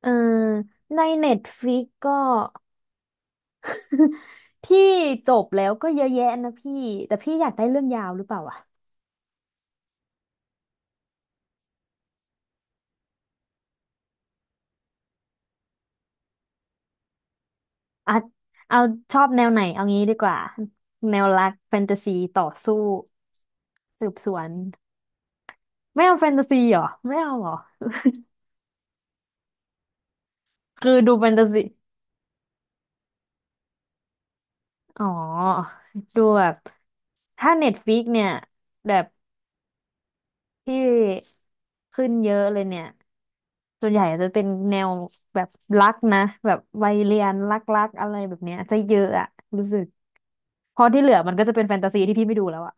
เออในเน็ตฟ i ิกก็ที่จบแล้วก็เยอะแยะนะพี่แต่พี่อยากได้เรื่องยาวหรือเปล่าอะอ่ะเอาชอบแนวไหนเอางี้ดีกว่าแนวรักแฟนตาซีต่อสู้สืบสวนไม่เอาแฟนตาซีเหรอไม่เอาเหรอคือดูแฟนตาซีอ๋อดูแบบถ้าเน็ตฟ i ิกเนี่ยแบบที่ขึ้นเยอะเลยเนี่ย ส่วนใหญ่จะเป็นแนวแบบรักนะแบบวัยเรียนรักๆอะไรแบบเนี้ยจะเยอะอะรู้สึกพอที่เหลือมันก็จะเป็นแฟนตาซีที่พี่ไม่ดูแล้วอะ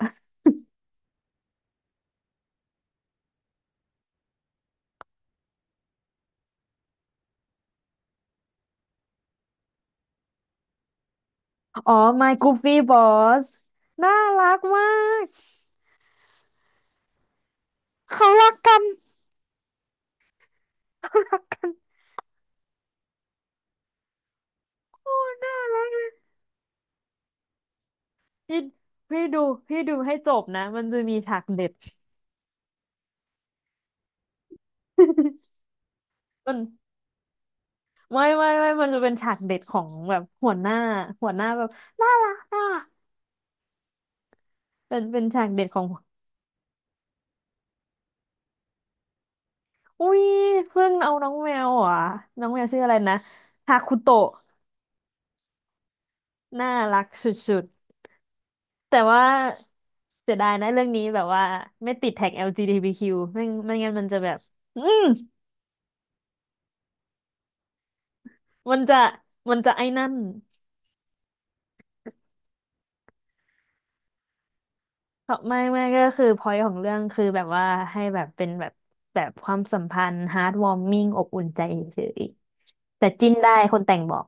อ๋อ My Goofy Boss น่ารักมากเขารักกันโอ้น่ารักเลยพี่พี่ดูพี่ดูให้จบนะมันจะมีฉากเด็ด มันไม่มันจะเป็นฉากเด็ดของแบบหัวหน้าหัวหน้าแบบน่ารักอ่ะเป็นฉากเด็ดของ อุ้ยเพิ่งเอาน้องแมวเหรอ่ะ น้องแมวชื่ออะไรนะฮาคุโตะน่ารักสุดๆ แต่ว่าเสียดายนะเรื่องนี้แบบว่าไม่ติดแท็ก LGBTQ ไม่งั้นมันจะแบบอืมมันจะ มันจะไอ้นั่นเขาไม่ก็คือ point ของเรื่องคือแบบว่าให้แบบเป็นแบบแบบความสัมพันธ์ heartwarming อบอุ่นใจเฉยๆแต่จิ้นได้คนแต่งบอก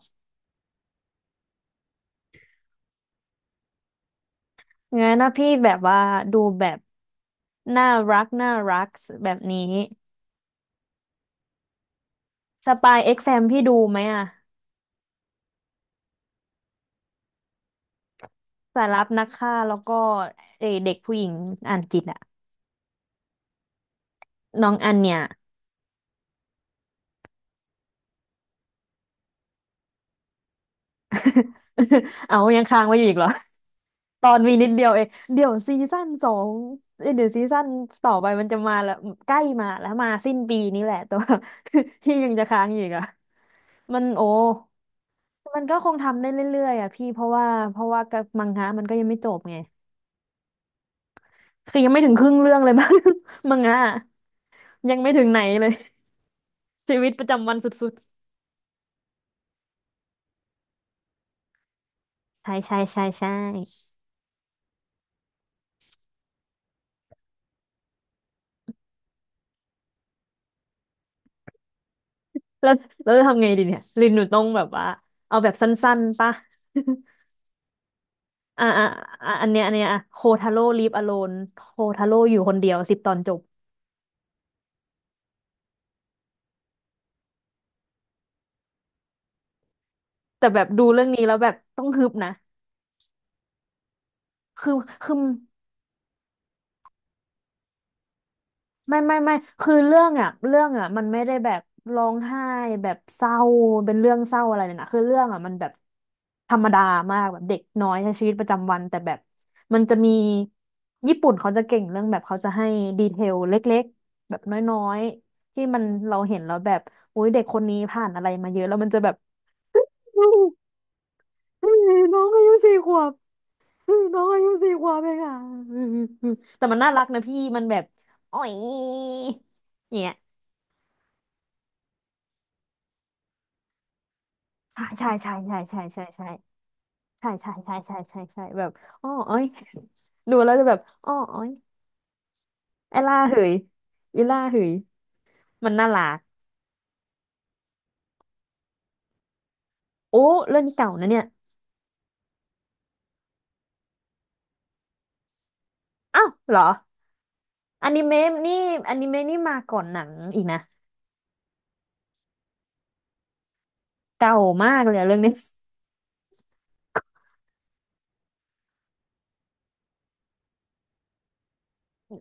งั้นนะพี่แบบว่าดูแบบน่ารักน่ารักแบบนี้ สปายเอ็กแฟมพี่ดูไหมอะสารับนักฆ่าแล้วก็เอเด็กผู้หญิงอ่านจิตอะน้องอันเนี่ย เอายังค้างไว้อยู่อีกเหรอตอนมีนิดเดียวเองเดี๋ยวซีซั่นสองเอ้ยเดี๋ยวซีซั่นต่อไปมันจะมาแล้วใกล้มาแล้วมาสิ้นปีนี้แหละแต่ว่า พี่ยังจะค้างอยู่อีกอะมันโอ้มันก็คงทำได้เรื่อยๆอ่ะพี่เพราะว่ากับมังงะมันก็ยังไม่จบไงคือยังไม่ถึงครึ่งเรื่องเลยมั้ง มังงะอะยังไม่ถึงไหนเลยชีวิตประจำวันสุด ใช่ใช่ใช่ใช่แล้วจะทำไงดีเนี่ยลินหนูต้องแบบว่าเอาแบบสั้นๆปะ อ่าอ่าอ่าอันเนี้ยอ่ะโคทาโร่ลีฟอโลนโคทาโร่อยู่คนเดียวสิบตอนจบแต่แบบดูเรื่องนี้แล้วแบบต้องฮึบนะคือคือ ไม่คือเรื่องอ่ะเรื่องอ่ะมันไม่ได้แบบร้องไห้แบบเศร้าเป็นเรื่องเศร้าอะไรเลยนะคือเรื่องอ่ะมันแบบธรรมดามากแบบเด็กน้อยใช้ชีวิตประจำวันแต่แบบมันจะมีญี่ปุ่นเขาจะเก่งเรื่องแบบเขาจะให้ดีเทลเล็กๆแบบน้อยๆที่มันเราเห็นแล้วแบบอุ้ยเด็กคนนี้ผ่านอะไรมาเยอะแล้วมันจะแบบอืมอืมน้องอายุสี่ขวบน้องอายุสี่ขวบเองอ่ะแต่มันน่ารักนะพี่มันแบบโอ้ยเนี่ย ใช่ใช่ใช่ใช่ใช่ใช่ใช่ใช่ใช่ใช่ใช่ใช่ใช่แบบอ้ออ้อยดูแล้วจะแบบอ้ออ้อยไอล่าเหยอีล่าเหยมันน่ารักโอ้เรื่องนี้เก่านะเนี่ยอ้าวเหรออนิเมะนี่อนิเมะนี่มาก่อนหนังอีกนะเก่ามากเลยอะเรื่องนี้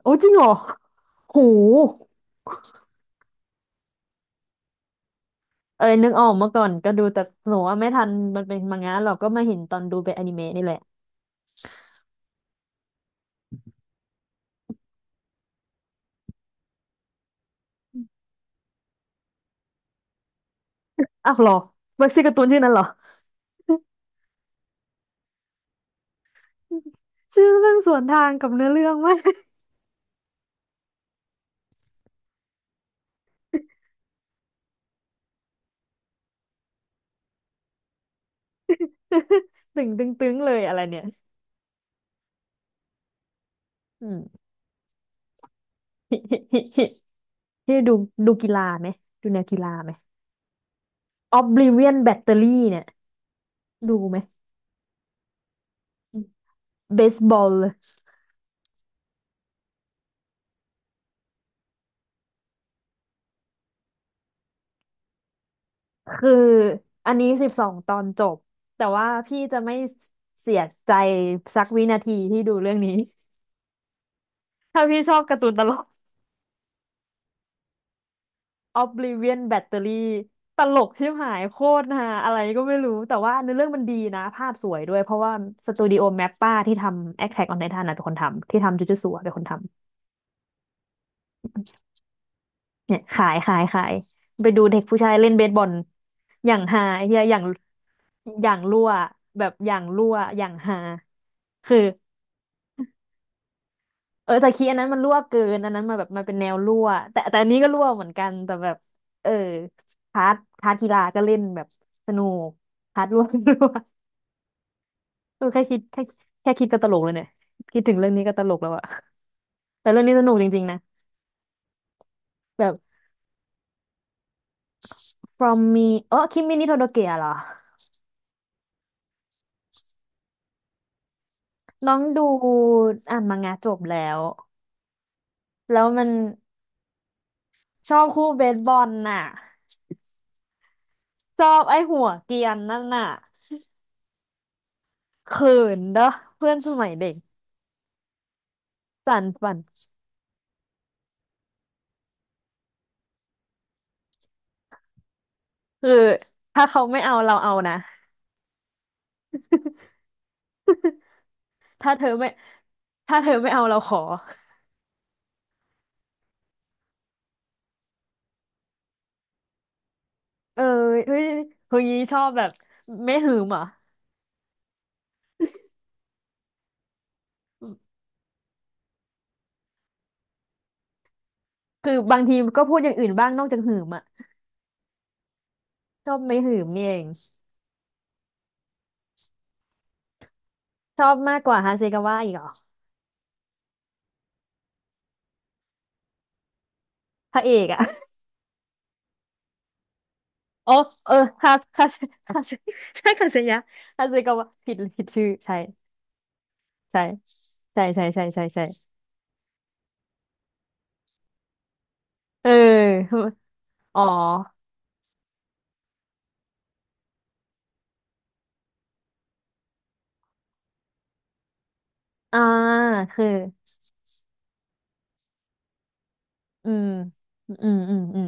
โอ้จริงเหรอหูเอ้ยนึกออกเมื่อก่อนก็ดูแต่หนูว่าไม่ทันมันเป็นมังงะหรอกก็มาเห็นตอนดูเป็นอนิเมะนี่แหละอ้าวเหรอมันชื่อการ์ตูนชื่อนั้นเหรอ ชื่อเรื่องสวนทางกับเนื้อเรื่องไหม ตึงตึงตึงเลยอะไรเนี่ยอืม นี่ดูดูกีฬาไหม ดูแนวกีฬาไหม Oblivion Battery เนี่ยดูไหมเบสบอลคืออันนี้12 ตอนจบ แต่ว่าพี่จะไม่เสียใจสักวินาทีที่ดูเรื่องนี้ ถ้าพี่ชอบการ์ตูนตลก Oblivion Battery ตลกชิบหายโคตรฮาอะไรก็ไม่รู้แต่ว่าเนื้อเรื่องมันดีนะภาพสวยด้วยเพราะว่าสตูดิโอแมปป้าที่ทำ Attack on Titan นะเป็นคนทำที่ทำจูจูสัวเป็นคนทำเนี่ยขายไปดูเด็กผู้ชายเล่นเบสบอลอย่างฮาไอ้เฮียอย่างอย่างรั่วแบบอย่างรั่วอย่างฮาคือเออสกีอันนั้นมันรั่วเกินอันนั้นมันแบบมันเป็นแนวรั่วแต่อันนี้ก็รั่วเหมือนกันแต่แบบเออพาร์ทกีฬาก็เล่นแบบสนุกพาร์ท รั่วก็รั่ว เออแค่คิดแค่คิดก็ตลกเลยเนี่ยคิดถึงเรื่องนี้ก็ตลกแล้วอะแต่เรื่องนี้สนุกจริงๆนะแบบ From Me อ๋อคิมมินิโทโดเกะเหรอน้องดูอ่านมังงะจบแล้วแล้วชอบคู่เบสบอลน่ะชอบไอ้หัวเกรียนนั่นน่ะเขินเด้อเพื่อนสมัยเด็กสั่นฝันคือถ้าเขาไม่เอาเราเอานะถ้าเธอไม่ถ้าเธอไม่เอาเราขอเออเฮ้ยเฮ้ยชอบแบบไม่หืมเหรอ่ะ คือบางทีก็พูดอย่างอื่นบ้างนอกจากหืมอ่ะชอบไม่หืมนี่เองชอบมากกว่าฮาเซกาวะอีกเหรอพระเอกอ่ะ อ๋อเออฮาฮาเฮาเซใช่คาเซยะฮาเซกาวะผิดชื่อใช่ใช่ใช่ใช่เออ อ๋ออ่าคืออืมอืมอืมอืม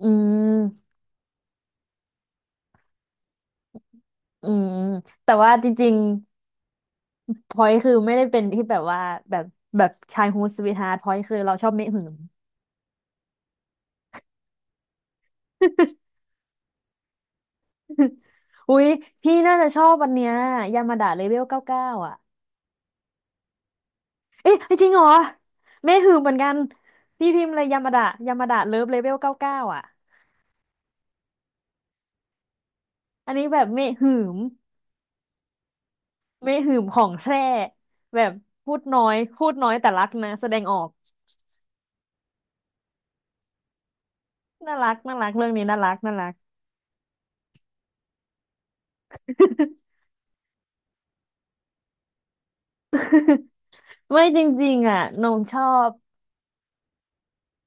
อืมอืมแต่ว่าจริงๆพอยคือไม่ได้เป็นที่แบบว่าแบบแบบชายฮูสวีทฮาร์ทพอยคือเราชอบเมะหืม อุ๊ยพี่น่าจะชอบวันเนี้ยยามาดะเลเวลเก้าเก้าอ่ะเอ๊ะจริงเหรอเมหืมเหมือนกันพี่พิมพ์เลยยามาดะยามาดะเลิฟเลเวลเก้าเก้าอ่ะอันนี้แบบเมหืมเมหืมของแท้แบบพูดน้อยแต่รักนะแสดงออกน่ารักเรื่องนี้น่ารักน่ารัก ไม่จริงๆอ่ะนงชอบ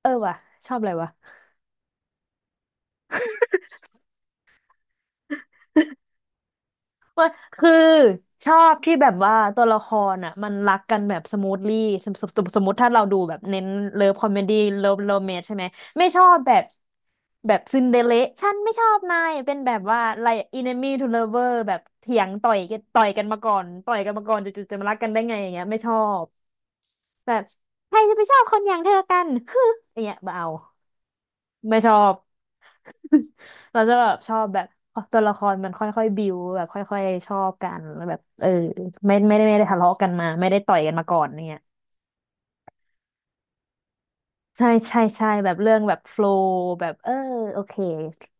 เออว่ะชอบอะไรวะ ว่าคือชอบที่แบบว่าตัวละครอ่ะมันรักกันแบบสมูทลี่สมมติถ้าเราดูแบบเน้นเลิฟคอมเมดี้เลิฟโรแมนใช่ไหมไม่ชอบแบบซินเดอเรลล่าฉันไม่ชอบนายเป็นแบบว่าไลอินเนมี่ทูเลเวอร์แบบเถียงต่อยกันต่อยกันมาก่อนต่อยกันมาก่อนจู่ๆจะมารักกันได้ไงอย่างเงี้ยไม่ชอบแบบใครจะไปชอบคนอย่างเธอกันฮึอย่างเงี้ยไม่เอาไม่ชอบ เราจะแบบชอบแบบตัวละครมันค่อยๆบิวแบบค่อยๆชอบกันแล้วแบบเออไม่ได้ไม่ได้ทะเลาะกันมาไม่ได้ต่อยกันมาก่อนเนี่ยใช่แบบเรื่องแบบโฟล w แบบเออโอเค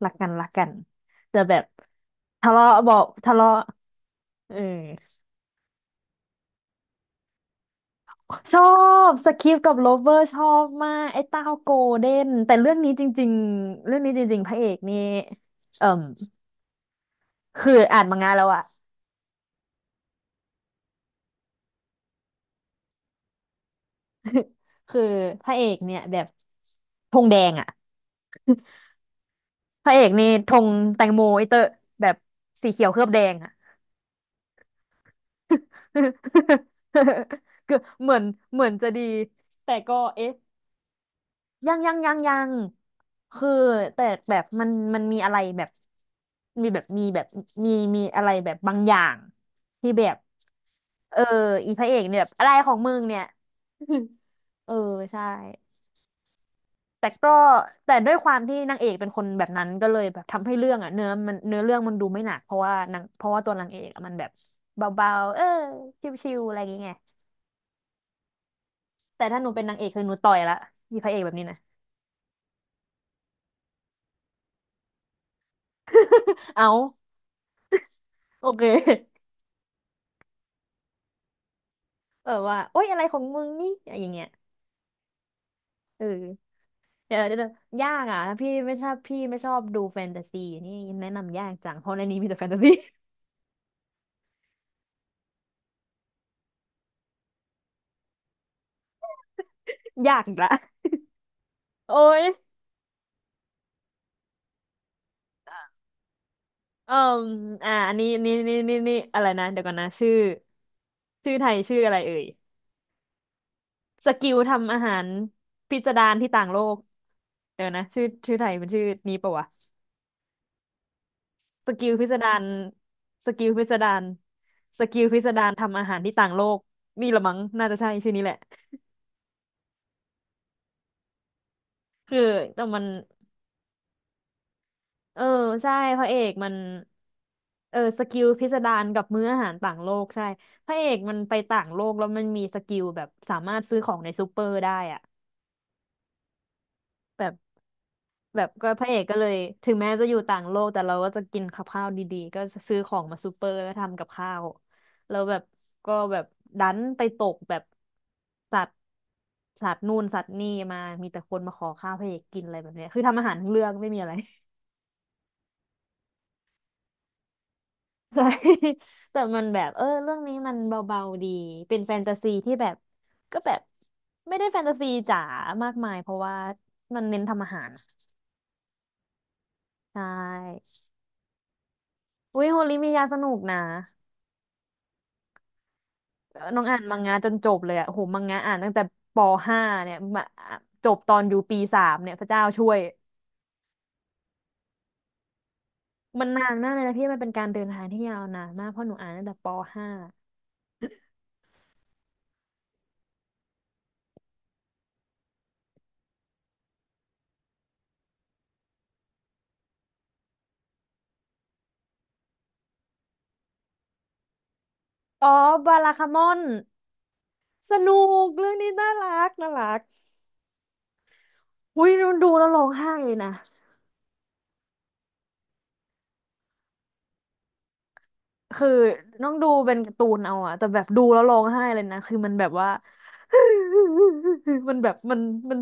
รักกันรักกันแต่แบบทะเลาะบอกทะเลาะเออชอบสคริปกับโลเวอร์ชอบมากไอ้เต้าโกลเด้นแต่เรื่องนี้จริงๆเรื่องนี้จริงๆพระเอกนี่เอ่มคืออ่านมังงะแล้วอะ คือพระเอกเนี่ยแบบ ธงแดงอ่ะพระเอกนี่ธงแตงโมไอเตอร์แบบสีเขียวเคลือบแดงอ่ะ คือเหมือนเหมือนจะดีแต่ก็เอ๊ะยังคือแต่แบบมันมีอะไรแบบมีแบบมีแบบมีมีอะไรแบบบางอย่างที่แบบเอออีพระเอกเนี่ยแบบอะไรของมึงเนี่ย เออใช่ แต่ก็แต่ด้วยความที่นางเอกเป็นคนแบบนั้นก็เลยแบบทำให้เรื่องอ่ะเนื้อเรื่องมันดูไม่หนักเพราะว่านางเพราะว่าตัวนางเอกอะมันแบบเบาๆเออชิวๆอะไรอย่างเงี้ยแต่ถ้าหนูเป็นนางเอกคือหนูต่อยละมีพระเอกแบบนี้นะ เอาโอเคเออว่าโอ๊ยอะไรของมึงนี่อย่างเงี้ยเออเดี๋ยวยากอ่ะถ้าพี่ไม่ชอบพี่ไม่ชอบดูแฟนตาซีนี่แนะนำยากจังเพราะในนี้มีแต่แฟนตาซี ยากอีกละโอ๊ย เอ่ออ่าอันนี้นี่อะไรนะเดี๋ยวก่อนนะชื่อไทยชื่ออะไรเอ่ยสกิลทำอาหารพิสดารที่ต่างโลกเดี๋ยวนะชื่อไทยเป็นชื่อนี้ปะวะสกิลพิสดารสกิลพิสดารสกิลพิสดารทำอาหารที่ต่างโลกนี่ละมั้งน่าจะใช่ชื่อนี้แหละคือแต่มันเออใช่พระเอกมันเออสกิลพิสดารกับมื้ออาหารต่างโลกใช่พระเอกมันไปต่างโลกแล้วมันมีสกิลแบบสามารถซื้อของในซูเปอร์ได้อะ แบบแบบก็พระเอกก็เลยถึงแม้จะอยู่ต่างโลกแต่เราก็จะกินกับข้าวดีๆก็ซื้อของมาซูเปอร์แล้วทำกับข้าวแล้วแบบก็แบบดันไปตกแบบสัตว์สัตว์นู่นสัตว์นี่มามีแต่คนมาขอข้าวพระเอกกินอะไรแบบเนี้ยคือทำอาหารทั้งเรื่องไม่มีอะไร ใช่แต่มันแบบเออเรื่องนี้มันเบาๆดีเป็นแฟนตาซีที่แบบก็แบบไม่ได้แฟนตาซีจ๋ามากมายเพราะว่ามันเน้นทำอาหารใช่อุ้ยโฮลิมียาสนุกนะ น้องอ่านมังงะจนจบเลยอะโหมังงะอ่านตั้งแต่ปห้าเนี่ยมาจบตอนอยู่ปีสามเนี่ยพระเจ้าช่วยมันนานมากเลยนะพี่มันเป็นการเดินทางที่ยาวนานมากเพราะหนูอ่านตั้งแต่ปห้าอ๋อบาลาคามอนสนุกเรื่องนี้น่ารักน่ารักอุ้ยหนูดูแล้วร้องไห้เลยนะคือต้องดูเป็นการ์ตูนเอาอะแต่แบบดูแล้วร้องไห้เลยนะคือมันแบบว่า มันแบบมัน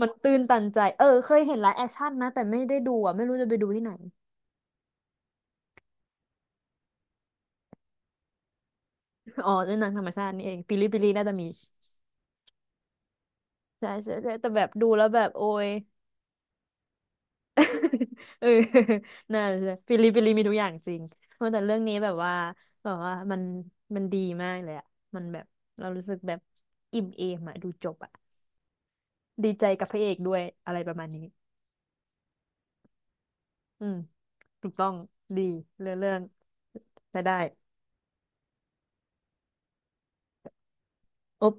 มันตื้นตันใจเออเคยเห็นไลฟ์แอคชั่นนะแต่ไม่ได้ดูอะไม่รู้จะไปดูที่ไหน อ๋อเล่นหนังธรรมชาตินี่เองปิลิปิลิน่าจะมีใช่ใช่ใช่แต่แบบดูแล้วแบบโอ้ย เออน่าจะปิลิปิลิมีทุกอย่างจริงเพราะแต่เรื่องนี้แบบว่ามันมันดีมากเลยอะมันแบบเรารู้สึกแบบอิ่มเอมอะดูจบอะดีใจกับพระเอกด้วยอะไรประมาณนี้อืมถูกต้องดีเรื่องจะได้โอ๊บ